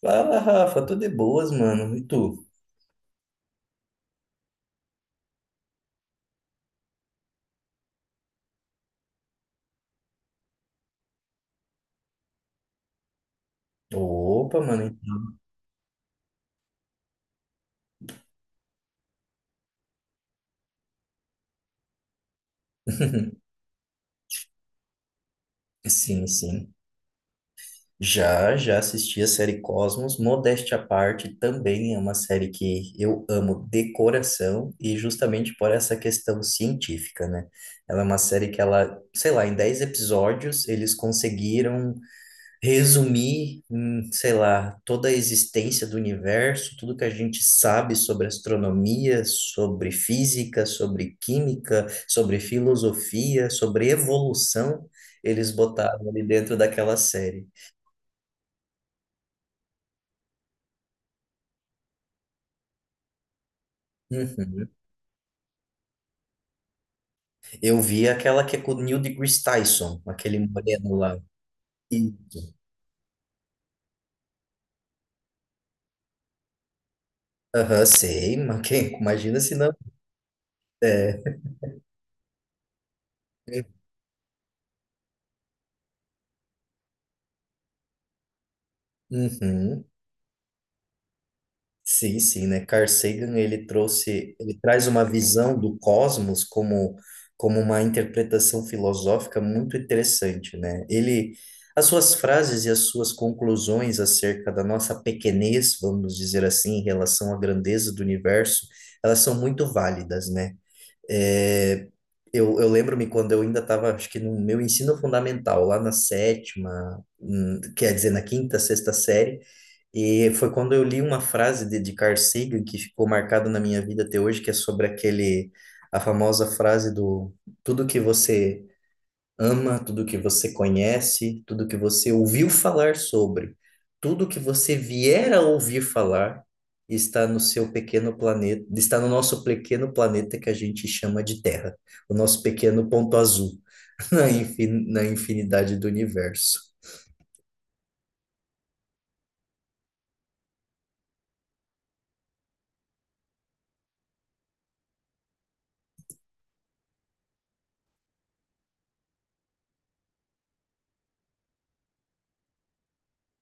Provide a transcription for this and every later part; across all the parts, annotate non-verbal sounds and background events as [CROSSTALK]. Fala, Rafa, tô de boas, mano. E tu? Opa, mano. Sim, sim. Já assisti a série Cosmos. Modéstia à parte, também é uma série que eu amo de coração e justamente por essa questão científica, né? Ela é uma série que ela, sei lá, em 10 episódios eles conseguiram resumir em, sei lá, toda a existência do universo, tudo que a gente sabe sobre astronomia, sobre física, sobre química, sobre filosofia, sobre evolução, eles botaram ali dentro daquela série. Uhum. Eu vi aquela que é com o Neil deGrasse Tyson, aquele moreno lá. Isso. Aham, sei, [LAUGHS] mas quem, imagina se não. É. Uhum. Sim, sim, né? Carl Sagan, ele traz uma visão do cosmos como, como uma interpretação filosófica muito interessante, né? As suas frases e as suas conclusões acerca da nossa pequenez, vamos dizer assim, em relação à grandeza do universo, elas são muito válidas, né? É, eu lembro-me quando eu ainda estava, acho que no meu ensino fundamental, lá na sétima, quer dizer, na quinta, sexta série, e foi quando eu li uma frase de Carl Sagan que ficou marcada na minha vida até hoje, que é sobre aquele, a famosa frase do tudo que você ama, tudo que você conhece, tudo que você ouviu falar sobre, tudo que você vier a ouvir falar está no seu pequeno planeta, está no nosso pequeno planeta que a gente chama de Terra, o nosso pequeno ponto azul [LAUGHS] na infinidade do universo.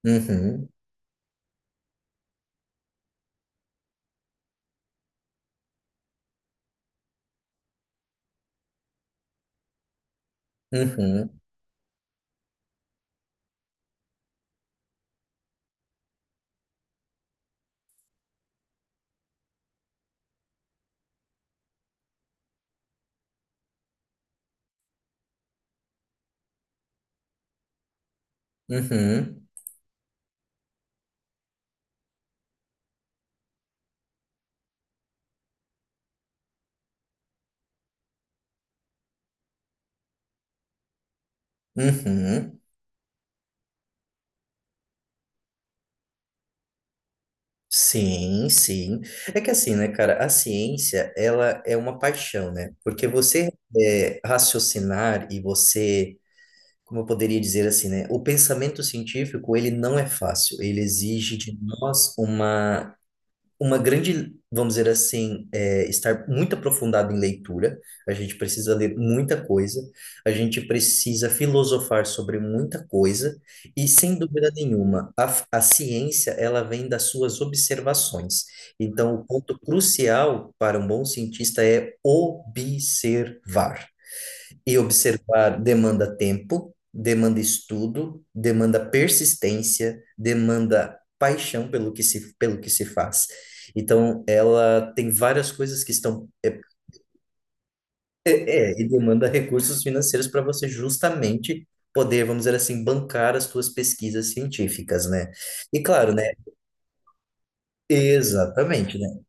Uhum, uhum, uhum, uhum. Sim, sim. É que assim, né, cara, a ciência, ela é uma paixão, né? Porque você raciocinar e você, como eu poderia dizer assim, né, o pensamento científico, ele não é fácil, ele exige de nós uma grande, vamos dizer assim, estar muito aprofundado em leitura. A gente precisa ler muita coisa, a gente precisa filosofar sobre muita coisa, e sem dúvida nenhuma, a ciência ela vem das suas observações. Então, o ponto crucial para um bom cientista é observar. E observar demanda tempo, demanda estudo, demanda persistência, demanda paixão pelo que se faz. Então, ela tem várias coisas que estão. É, é, e demanda recursos financeiros para você justamente poder, vamos dizer assim, bancar as suas pesquisas científicas, né? E claro, né? Exatamente, né?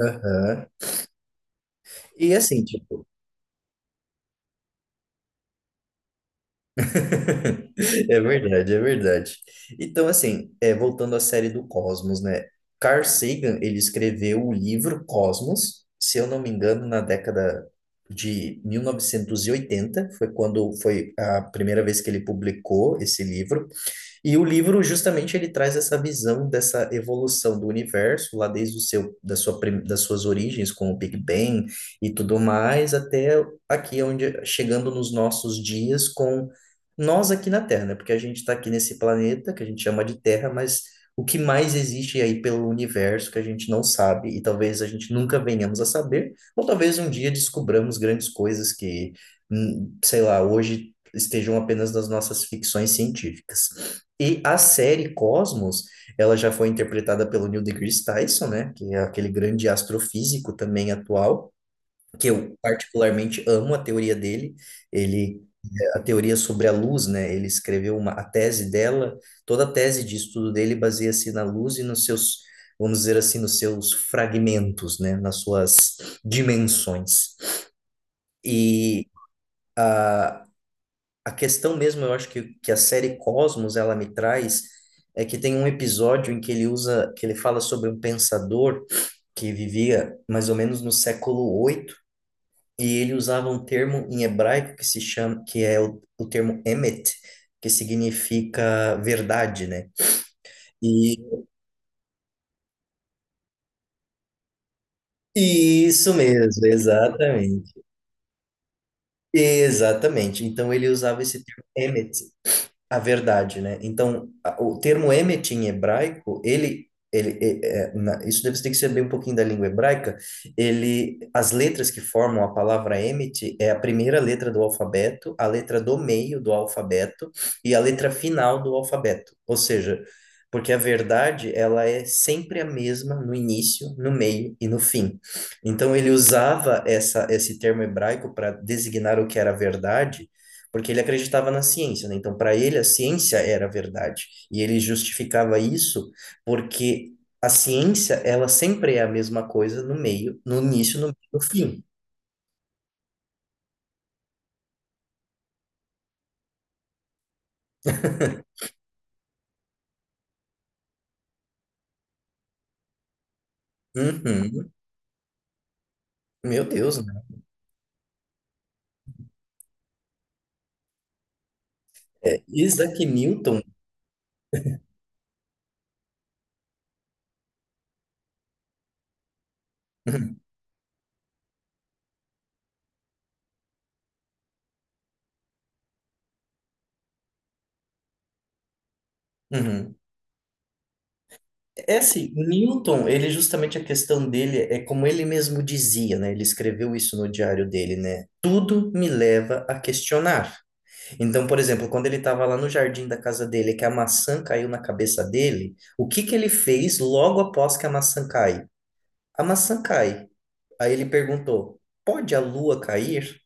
Aham. E assim, tipo, [LAUGHS] é verdade, é verdade. Então, assim, é, voltando à série do Cosmos, né? Carl Sagan, ele escreveu o livro Cosmos, se eu não me engano, na década de 1980 foi quando foi a primeira vez que ele publicou esse livro. E o livro justamente ele traz essa visão dessa evolução do universo, lá desde o seu da sua prim- das suas origens com o Big Bang e tudo mais até aqui onde chegando nos nossos dias com nós aqui na Terra, né? Porque a gente está aqui nesse planeta que a gente chama de Terra, mas o que mais existe aí pelo universo que a gente não sabe e talvez a gente nunca venhamos a saber, ou talvez um dia descobramos grandes coisas que, sei lá, hoje estejam apenas nas nossas ficções científicas. E a série Cosmos, ela já foi interpretada pelo Neil deGrasse Tyson, né? Que é aquele grande astrofísico também atual, que eu particularmente amo a teoria dele. Ele, a teoria sobre a luz, né? Ele escreveu a tese dela, toda a tese de estudo dele baseia-se na luz e nos seus, vamos dizer assim, nos seus fragmentos, né? Nas suas dimensões. E a a questão mesmo, eu acho que a série Cosmos ela me traz é que tem um episódio em que ele usa, que ele fala sobre um pensador que vivia mais ou menos no século 8 e ele usava um termo em hebraico que se chama, que é o termo emet, que significa verdade, né? E isso mesmo, exatamente. Exatamente. Então ele usava esse termo emet a verdade, né? Então, o termo emet em hebraico, ele é, isso deve ter que saber um pouquinho da língua hebraica. Ele, as letras que formam a palavra emet é a primeira letra do alfabeto, a letra do meio do alfabeto e a letra final do alfabeto. Ou seja, porque a verdade, ela é sempre a mesma no início, no meio e no fim. Então, ele usava essa, esse termo hebraico para designar o que era verdade porque ele acreditava na ciência, né? Então, para ele, a ciência era a verdade. E ele justificava isso porque a ciência, ela sempre é a mesma coisa no meio, no início, no meio, e no fim. Uhum. Meu Deus, né? É, Isaac Newton. [LAUGHS] Uhum. É assim, o Newton, ele justamente a questão dele é como ele mesmo dizia, né? Ele escreveu isso no diário dele, né? Tudo me leva a questionar. Então, por exemplo, quando ele estava lá no jardim da casa dele, que a maçã caiu na cabeça dele, o que que ele fez logo após que a maçã cai? A maçã cai. Aí ele perguntou: pode a lua cair?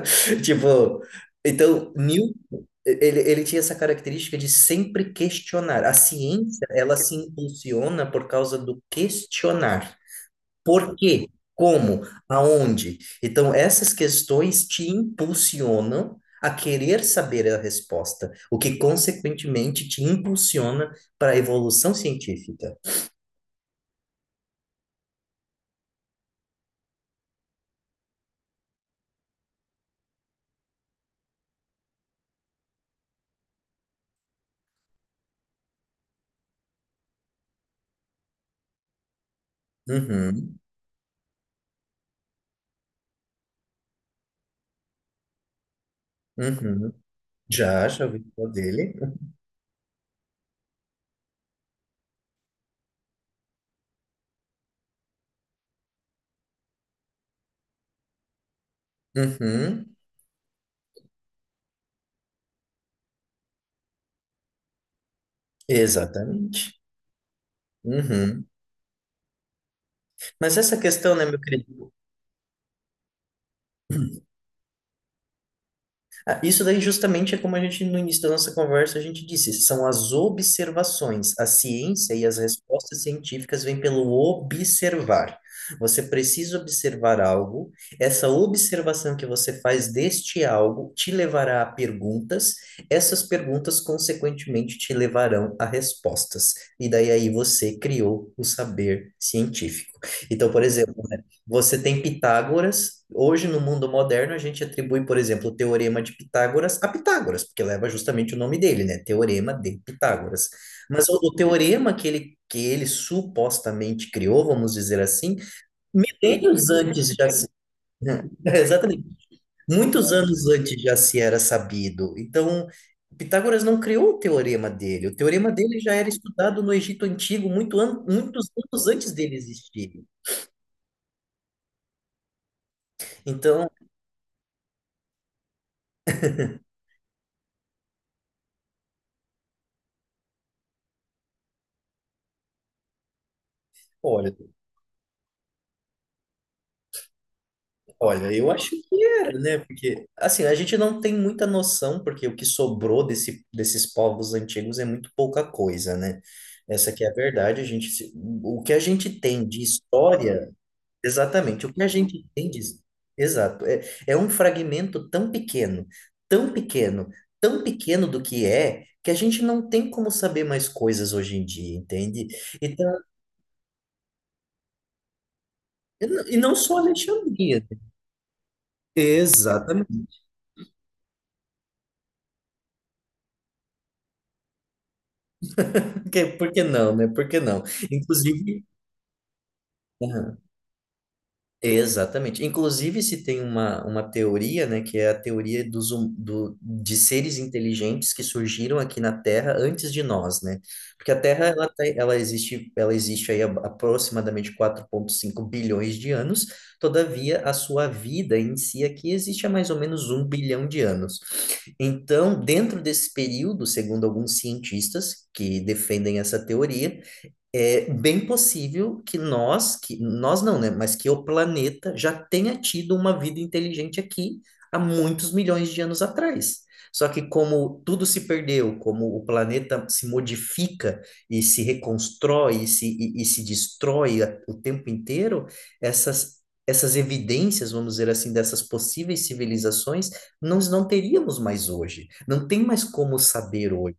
[LAUGHS] Tipo, então, Newton, ele tinha essa característica de sempre questionar. A ciência, ela se impulsiona por causa do questionar. Por quê? Como? Aonde? Então, essas questões te impulsionam a querer saber a resposta, o que, consequentemente, te impulsiona para a evolução científica. Uhum, uhum. Já ouvi falar dele. Uhum, exatamente. Uhum. Mas essa questão, né, meu querido? Ah, isso daí justamente é como a gente no início da nossa conversa a gente disse, são as observações. A ciência e as respostas científicas vêm pelo observar. Você precisa observar algo, essa observação que você faz deste algo te levará a perguntas, essas perguntas consequentemente te levarão a respostas. E daí aí você criou o saber científico. Então, por exemplo, você tem Pitágoras. Hoje, no mundo moderno, a gente atribui, por exemplo, o teorema de Pitágoras a Pitágoras, porque leva justamente o nome dele, né? Teorema de Pitágoras. Mas o teorema que ele supostamente criou, vamos dizer assim, milênios antes já se... [LAUGHS] é, exatamente. Muitos anos antes já se era sabido. Então, Pitágoras não criou o teorema dele. O teorema dele já era estudado no Egito Antigo muitos anos antes dele existir. Então, olha, olha, eu acho que era, né? Porque, assim, a gente não tem muita noção, porque o que sobrou desses povos antigos é muito pouca coisa, né? Essa que é a verdade, a gente, o que a gente tem de história, exatamente, o que a gente tem de, exato, é, é um fragmento tão pequeno, tão pequeno, tão pequeno do que é, que a gente não tem como saber mais coisas hoje em dia, entende? Então, e não só Alexandria, exatamente. Porque, por que não, né? Por que não? Inclusive, aham, exatamente. Inclusive, se tem uma teoria, né, que é a teoria dos, de seres inteligentes que surgiram aqui na Terra antes de nós, né? Porque a Terra, ela, ela existe, ela existe aí aproximadamente 4,5 bilhões de anos, todavia, a sua vida em si aqui existe há mais ou menos um bilhão de anos. Então, dentro desse período, segundo alguns cientistas que defendem essa teoria, é bem possível que nós não, né? Mas que o planeta já tenha tido uma vida inteligente aqui há muitos milhões de anos atrás. Só que como tudo se perdeu, como o planeta se modifica e se reconstrói e se destrói o tempo inteiro, essas, essas evidências, vamos dizer assim, dessas possíveis civilizações, nós não teríamos mais hoje. Não tem mais como saber hoje.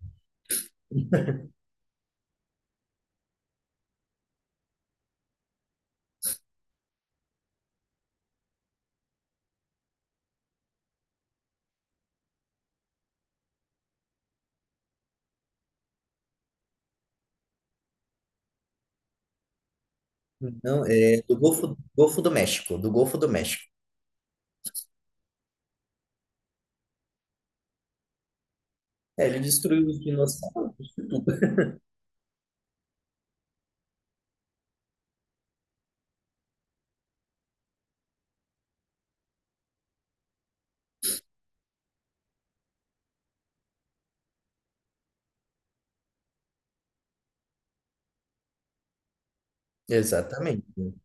Não, é Golfo do México, do Golfo do México. É, ele destruiu os dinossauros. Tudo. Exatamente.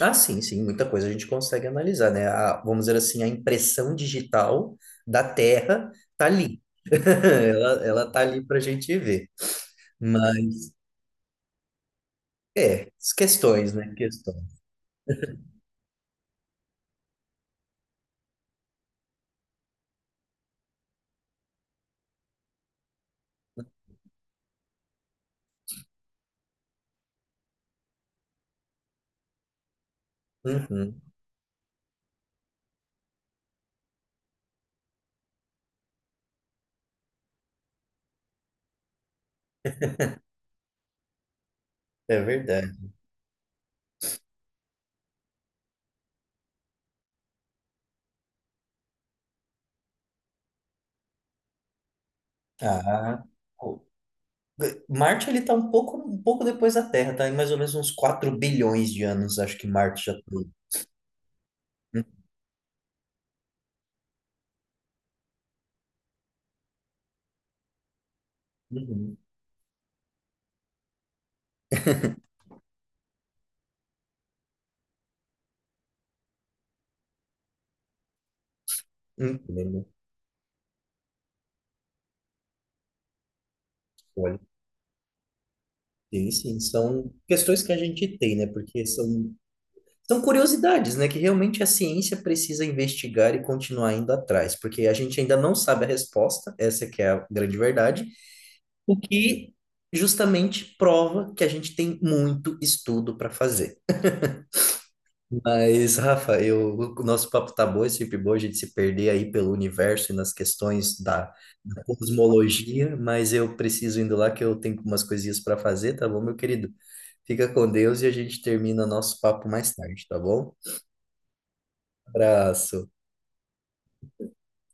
Ah, sim, sim, muita coisa a gente consegue analisar, né? A- vamos dizer assim, a impressão digital da Terra tá ali. [LAUGHS] Ela tá ali pra gente ver. Mas, é, as questões, né? Questões. Uhum, é verdade. Ah, o- Marte, ele tá um pouco depois da Terra, tá? Em mais ou menos uns 4 bilhões de anos, acho que Marte já tá aí. Uhum, uhum, entendo. Olha. Sim, sim, são questões que a gente tem, né? Porque são curiosidades, né? Que realmente a ciência precisa investigar e continuar indo atrás, porque a gente ainda não sabe a resposta, essa que é a grande verdade, o que justamente prova que a gente tem muito estudo para fazer. Mas, Rafa, eu, o nosso papo tá bom, é sempre bom a gente se perder aí pelo universo e nas questões da cosmologia, mas eu preciso indo lá que eu tenho umas coisinhas para fazer, tá bom, meu querido? Fica com Deus e a gente termina nosso papo mais tarde, tá bom? Abraço.